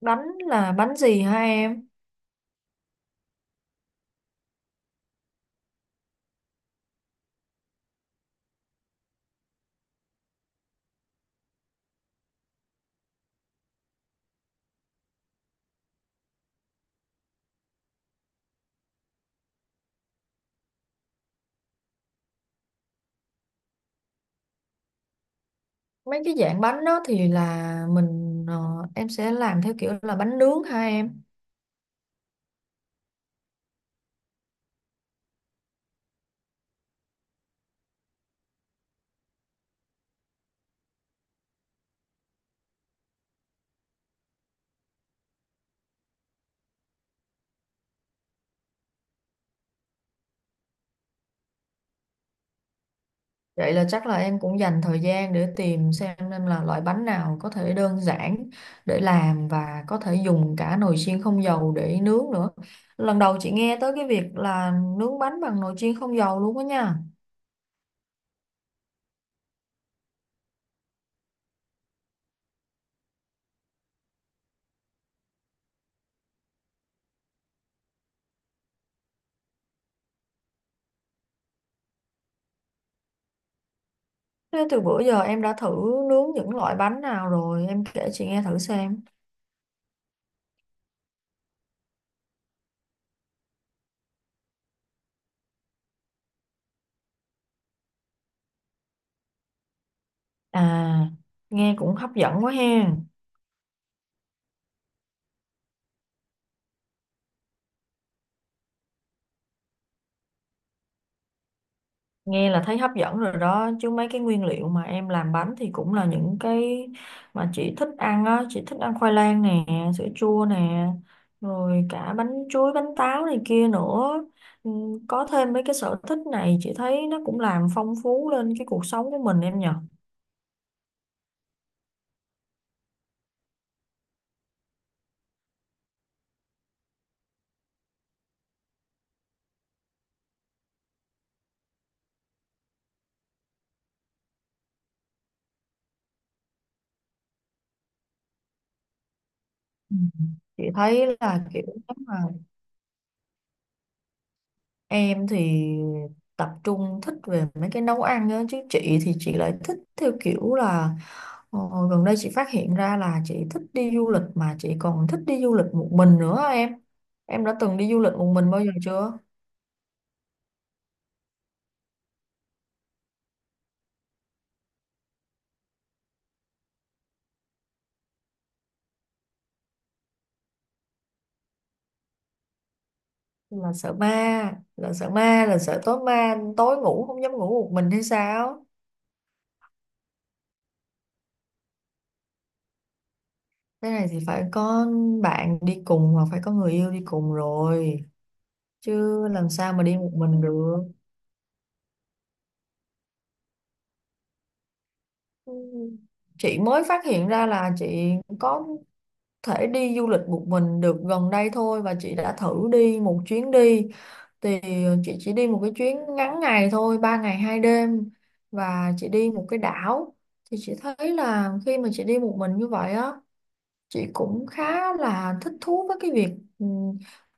Bánh là bánh gì hả em? Mấy cái dạng bánh đó thì là mình, em sẽ làm theo kiểu là bánh nướng hả em? Vậy là chắc là em cũng dành thời gian để tìm xem nên là loại bánh nào có thể đơn giản để làm và có thể dùng cả nồi chiên không dầu để nướng nữa. Lần đầu chị nghe tới cái việc là nướng bánh bằng nồi chiên không dầu luôn đó nha. Thế từ bữa giờ em đã thử nướng những loại bánh nào rồi em kể chị nghe thử xem. À, nghe cũng hấp dẫn quá ha. Nghe là thấy hấp dẫn rồi đó chứ mấy cái nguyên liệu mà em làm bánh thì cũng là những cái mà chị thích ăn á, chị thích ăn khoai lang nè, sữa chua nè, rồi cả bánh chuối bánh táo này kia nữa. Ừ, có thêm mấy cái sở thích này chị thấy nó cũng làm phong phú lên cái cuộc sống của mình em nhờ. Ừ. Chị thấy là kiểu. Em thì tập trung thích về mấy cái nấu ăn á, chứ chị thì chị lại thích theo kiểu là ờ, gần đây chị phát hiện ra là chị thích đi du lịch, mà chị còn thích đi du lịch một mình nữa á em. Em đã từng đi du lịch một mình bao giờ chưa? Là sợ ma, là sợ ma, là sợ tối ma, tối ngủ không dám ngủ một mình hay sao? Thế này thì phải có bạn đi cùng hoặc phải có người yêu đi cùng rồi, chứ làm sao mà đi một mình được. Ừ. Chị mới phát hiện ra là chị có thể đi du lịch một mình được gần đây thôi, và chị đã thử đi một chuyến đi thì chị chỉ đi một cái chuyến ngắn ngày thôi, 3 ngày 2 đêm, và chị đi một cái đảo. Thì chị thấy là khi mà chị đi một mình như vậy á, chị cũng khá là thích thú với cái việc ừ,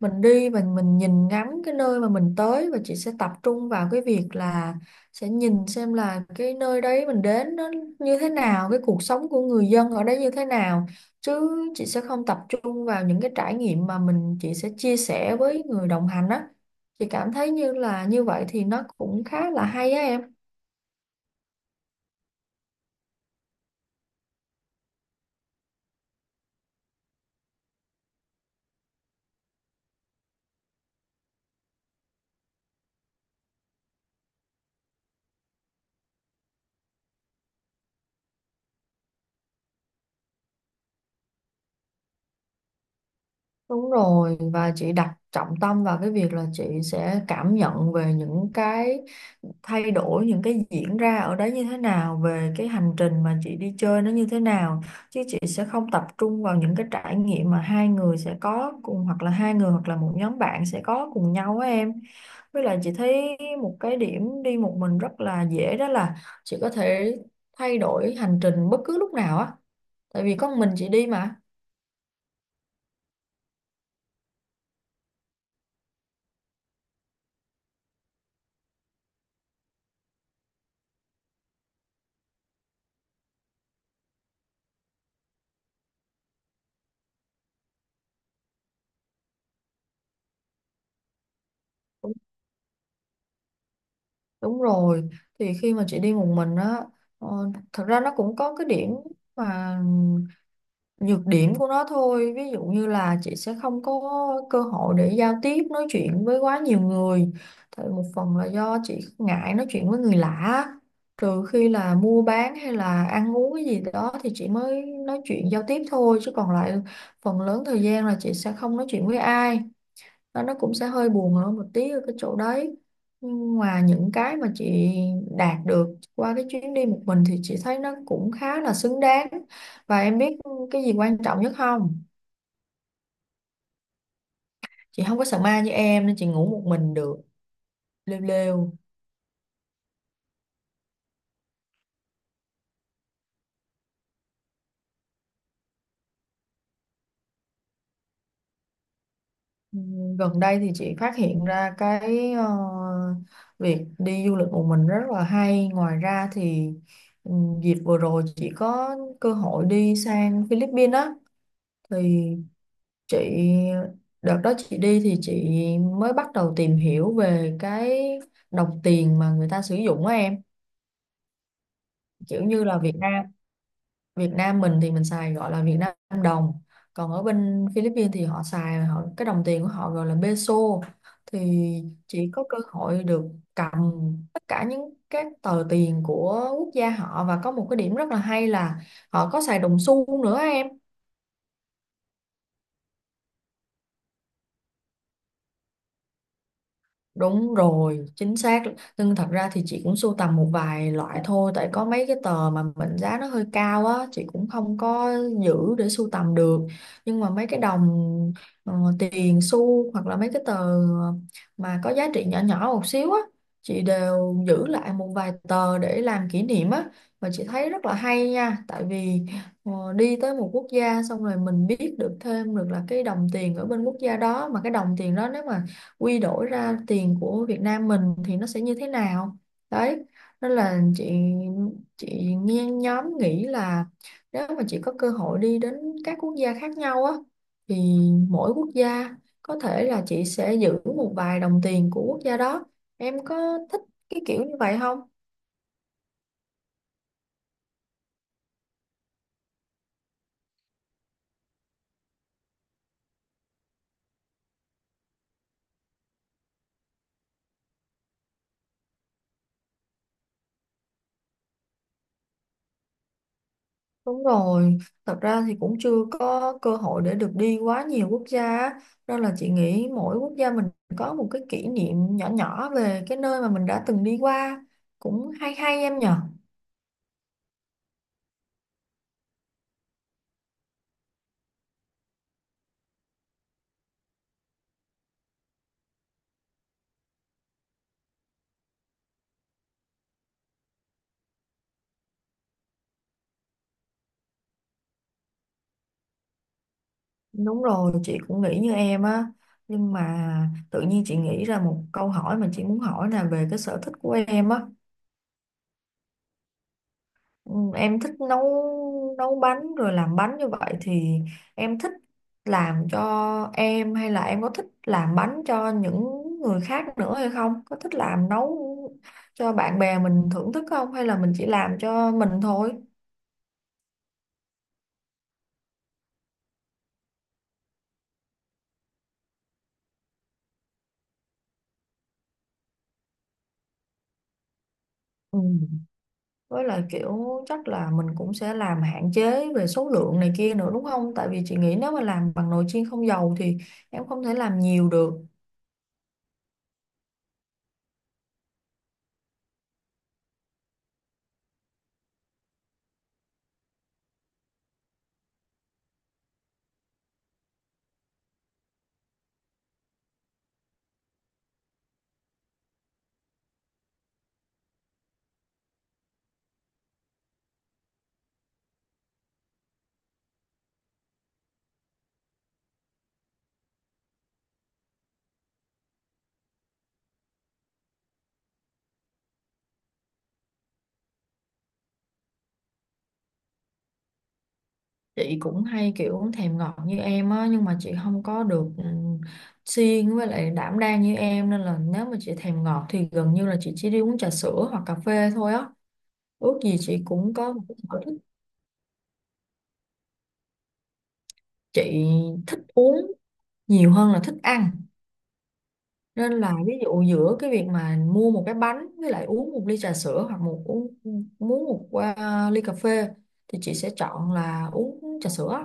mình đi và mình nhìn ngắm cái nơi mà mình tới, và chị sẽ tập trung vào cái việc là sẽ nhìn xem là cái nơi đấy mình đến nó như thế nào, cái cuộc sống của người dân ở đấy như thế nào, chứ chị sẽ không tập trung vào những cái trải nghiệm mà mình chị sẽ chia sẻ với người đồng hành á. Chị cảm thấy như là như vậy thì nó cũng khá là hay á em. Đúng rồi, và chị đặt trọng tâm vào cái việc là chị sẽ cảm nhận về những cái thay đổi, những cái diễn ra ở đấy như thế nào, về cái hành trình mà chị đi chơi nó như thế nào. Chứ chị sẽ không tập trung vào những cái trải nghiệm mà hai người sẽ có cùng, hoặc là hai người hoặc là một nhóm bạn sẽ có cùng nhau á em. Với lại chị thấy một cái điểm đi một mình rất là dễ đó là chị có thể thay đổi hành trình bất cứ lúc nào á. Tại vì có một mình chị đi mà. Đúng rồi, thì khi mà chị đi một mình á, thật ra nó cũng có cái điểm, mà nhược điểm của nó thôi. Ví dụ như là chị sẽ không có cơ hội để giao tiếp, nói chuyện với quá nhiều người. Thì một phần là do chị ngại nói chuyện với người lạ. Trừ khi là mua bán hay là ăn uống cái gì đó thì chị mới nói chuyện giao tiếp thôi. Chứ còn lại phần lớn thời gian là chị sẽ không nói chuyện với ai, đó nó cũng sẽ hơi buồn hơn một tí ở cái chỗ đấy. Nhưng ngoài những cái mà chị đạt được qua cái chuyến đi một mình thì chị thấy nó cũng khá là xứng đáng. Và em biết cái gì quan trọng nhất không? Chị không có sợ ma như em nên chị ngủ một mình được. Lêu lêu. Gần đây thì chị phát hiện ra cái việc đi du lịch một mình rất là hay, ngoài ra thì dịp vừa rồi chị có cơ hội đi sang Philippines á. Thì chị đợt đó chị đi thì chị mới bắt đầu tìm hiểu về cái đồng tiền mà người ta sử dụng á em. Kiểu như là Việt Nam mình thì mình xài gọi là Việt Nam đồng, còn ở bên Philippines thì cái đồng tiền của họ gọi là peso. Thì chị có cơ hội được cầm tất cả những các tờ tiền của quốc gia họ, và có một cái điểm rất là hay là họ có xài đồng xu nữa em. Đúng rồi, chính xác. Nhưng thật ra thì chị cũng sưu tầm một vài loại thôi, tại có mấy cái tờ mà mệnh giá nó hơi cao á, chị cũng không có giữ để sưu tầm được. Nhưng mà mấy cái đồng ờ, tiền xu hoặc là mấy cái tờ mà có giá trị nhỏ nhỏ một xíu á, chị đều giữ lại một vài tờ để làm kỷ niệm á. Và chị thấy rất là hay nha, tại vì đi tới một quốc gia xong rồi mình biết được thêm được là cái đồng tiền ở bên quốc gia đó, mà cái đồng tiền đó nếu mà quy đổi ra tiền của Việt Nam mình thì nó sẽ như thế nào đấy. Nên là chị nghe nhóm nghĩ là nếu mà chị có cơ hội đi đến các quốc gia khác nhau á thì mỗi quốc gia có thể là chị sẽ giữ một vài đồng tiền của quốc gia đó. Em có thích cái kiểu như vậy không? Đúng rồi, thật ra thì cũng chưa có cơ hội để được đi quá nhiều quốc gia á. Nên là chị nghĩ mỗi quốc gia mình có một cái kỷ niệm nhỏ nhỏ về cái nơi mà mình đã từng đi qua, cũng hay hay em nhở. Đúng rồi, chị cũng nghĩ như em á, nhưng mà tự nhiên chị nghĩ ra một câu hỏi mà chị muốn hỏi là về cái sở thích của em á. Ừ, em thích nấu nấu bánh rồi làm bánh như vậy thì em thích làm cho em hay là em có thích làm bánh cho những người khác nữa hay không? Có thích làm nấu cho bạn bè mình thưởng thức không hay là mình chỉ làm cho mình thôi? Ừ. Với lại kiểu, chắc là mình cũng sẽ làm hạn chế về số lượng này kia nữa đúng không? Tại vì chị nghĩ nếu mà làm bằng nồi chiên không dầu thì em không thể làm nhiều được. Chị cũng hay kiểu thèm ngọt như em á, nhưng mà chị không có được siêng với lại đảm đang như em, nên là nếu mà chị thèm ngọt thì gần như là chị chỉ đi uống trà sữa hoặc cà phê thôi á. Ước gì chị cũng có một cái sở thích. Chị thích uống nhiều hơn là thích ăn, nên là ví dụ giữa cái việc mà mua một cái bánh với lại uống một ly trà sữa hoặc một uống muốn một à, ly cà phê, thì chị sẽ chọn là uống trà sữa.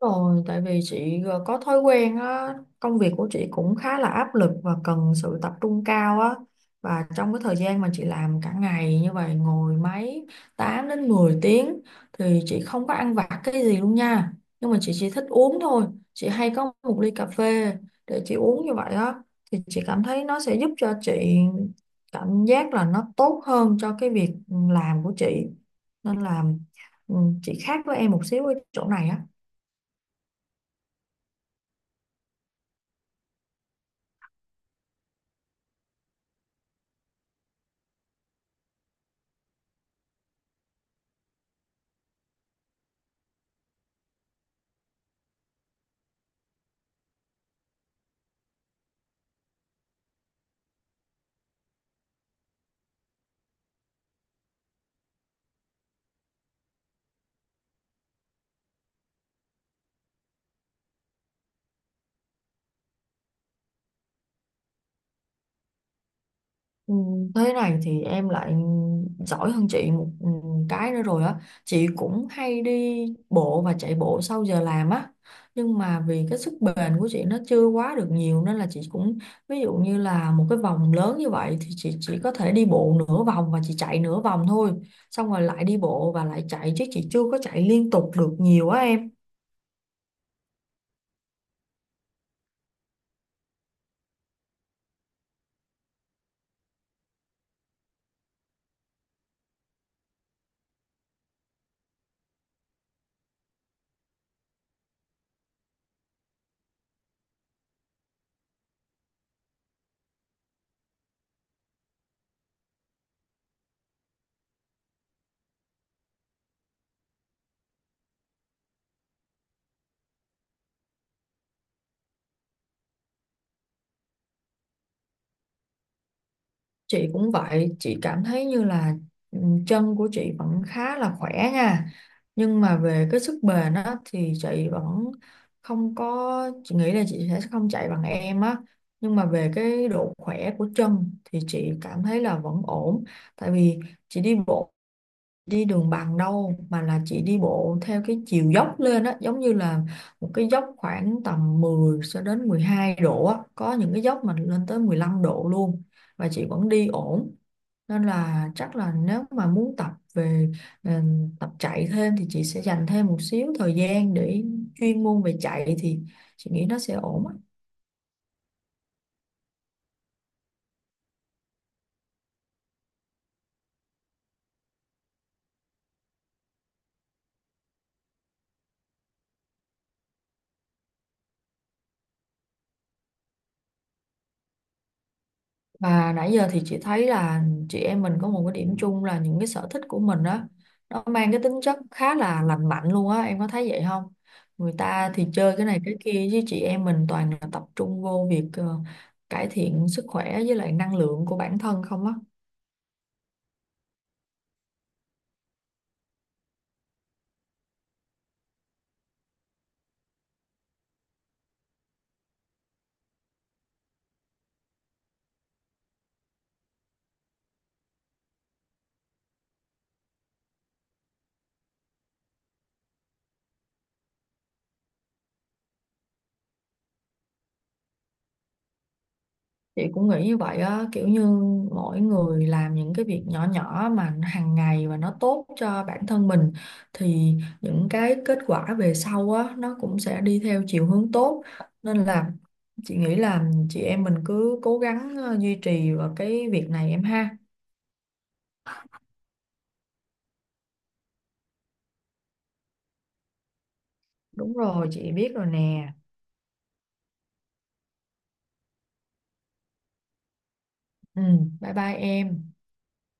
Rồi, tại vì chị có thói quen á, công việc của chị cũng khá là áp lực và cần sự tập trung cao á. Và trong cái thời gian mà chị làm cả ngày như vậy, ngồi máy 8 đến 10 tiếng, thì chị không có ăn vặt cái gì luôn nha. Nhưng mà chị chỉ thích uống thôi. Chị hay có một ly cà phê để chị uống như vậy á. Thì chị cảm thấy nó sẽ giúp cho chị cảm giác là nó tốt hơn cho cái việc làm của chị. Nên là ừ, chị khác với em một xíu ở chỗ này á. Ừ, thế này thì em lại giỏi hơn chị một cái nữa rồi á. Chị cũng hay đi bộ và chạy bộ sau giờ làm á, nhưng mà vì cái sức bền của chị nó chưa quá được nhiều nên là chị cũng, ví dụ như là một cái vòng lớn như vậy thì chị chỉ có thể đi bộ nửa vòng và chị chạy nửa vòng thôi, xong rồi lại đi bộ và lại chạy chứ chị chưa có chạy liên tục được nhiều á em. Chị cũng vậy, chị cảm thấy như là ừ, chân của chị vẫn khá là khỏe nha. Nhưng mà về cái sức bền á thì chị vẫn không có, chị nghĩ là chị sẽ không chạy bằng em á. Nhưng mà về cái độ khỏe của chân thì chị cảm thấy là vẫn ổn. Tại vì chị đi bộ đi đường bằng đâu mà là chị đi bộ theo cái chiều dốc lên á, giống như là một cái dốc khoảng tầm 10 cho đến 12 độ á, có những cái dốc mà lên tới 15 độ luôn, và chị vẫn đi ổn. Nên là chắc là nếu mà muốn tập về ờ, tập chạy thêm thì chị sẽ dành thêm một xíu thời gian để chuyên môn về chạy, thì chị nghĩ nó sẽ ổn á. Và nãy giờ thì chị thấy là chị em mình có một cái điểm chung là những cái sở thích của mình á, nó mang cái tính chất khá là lành mạnh luôn á, em có thấy vậy không? Người ta thì chơi cái này cái kia chứ chị em mình toàn là tập trung vô việc cải thiện sức khỏe với lại năng lượng của bản thân không á. Chị cũng nghĩ như vậy á, kiểu như mỗi người làm những cái việc nhỏ nhỏ mà hàng ngày và nó tốt cho bản thân mình, thì những cái kết quả về sau á nó cũng sẽ đi theo chiều hướng tốt. Nên là chị nghĩ là chị em mình cứ cố gắng duy trì vào cái việc này em ha. Đúng rồi, chị biết rồi nè. Ừ, bye bye em.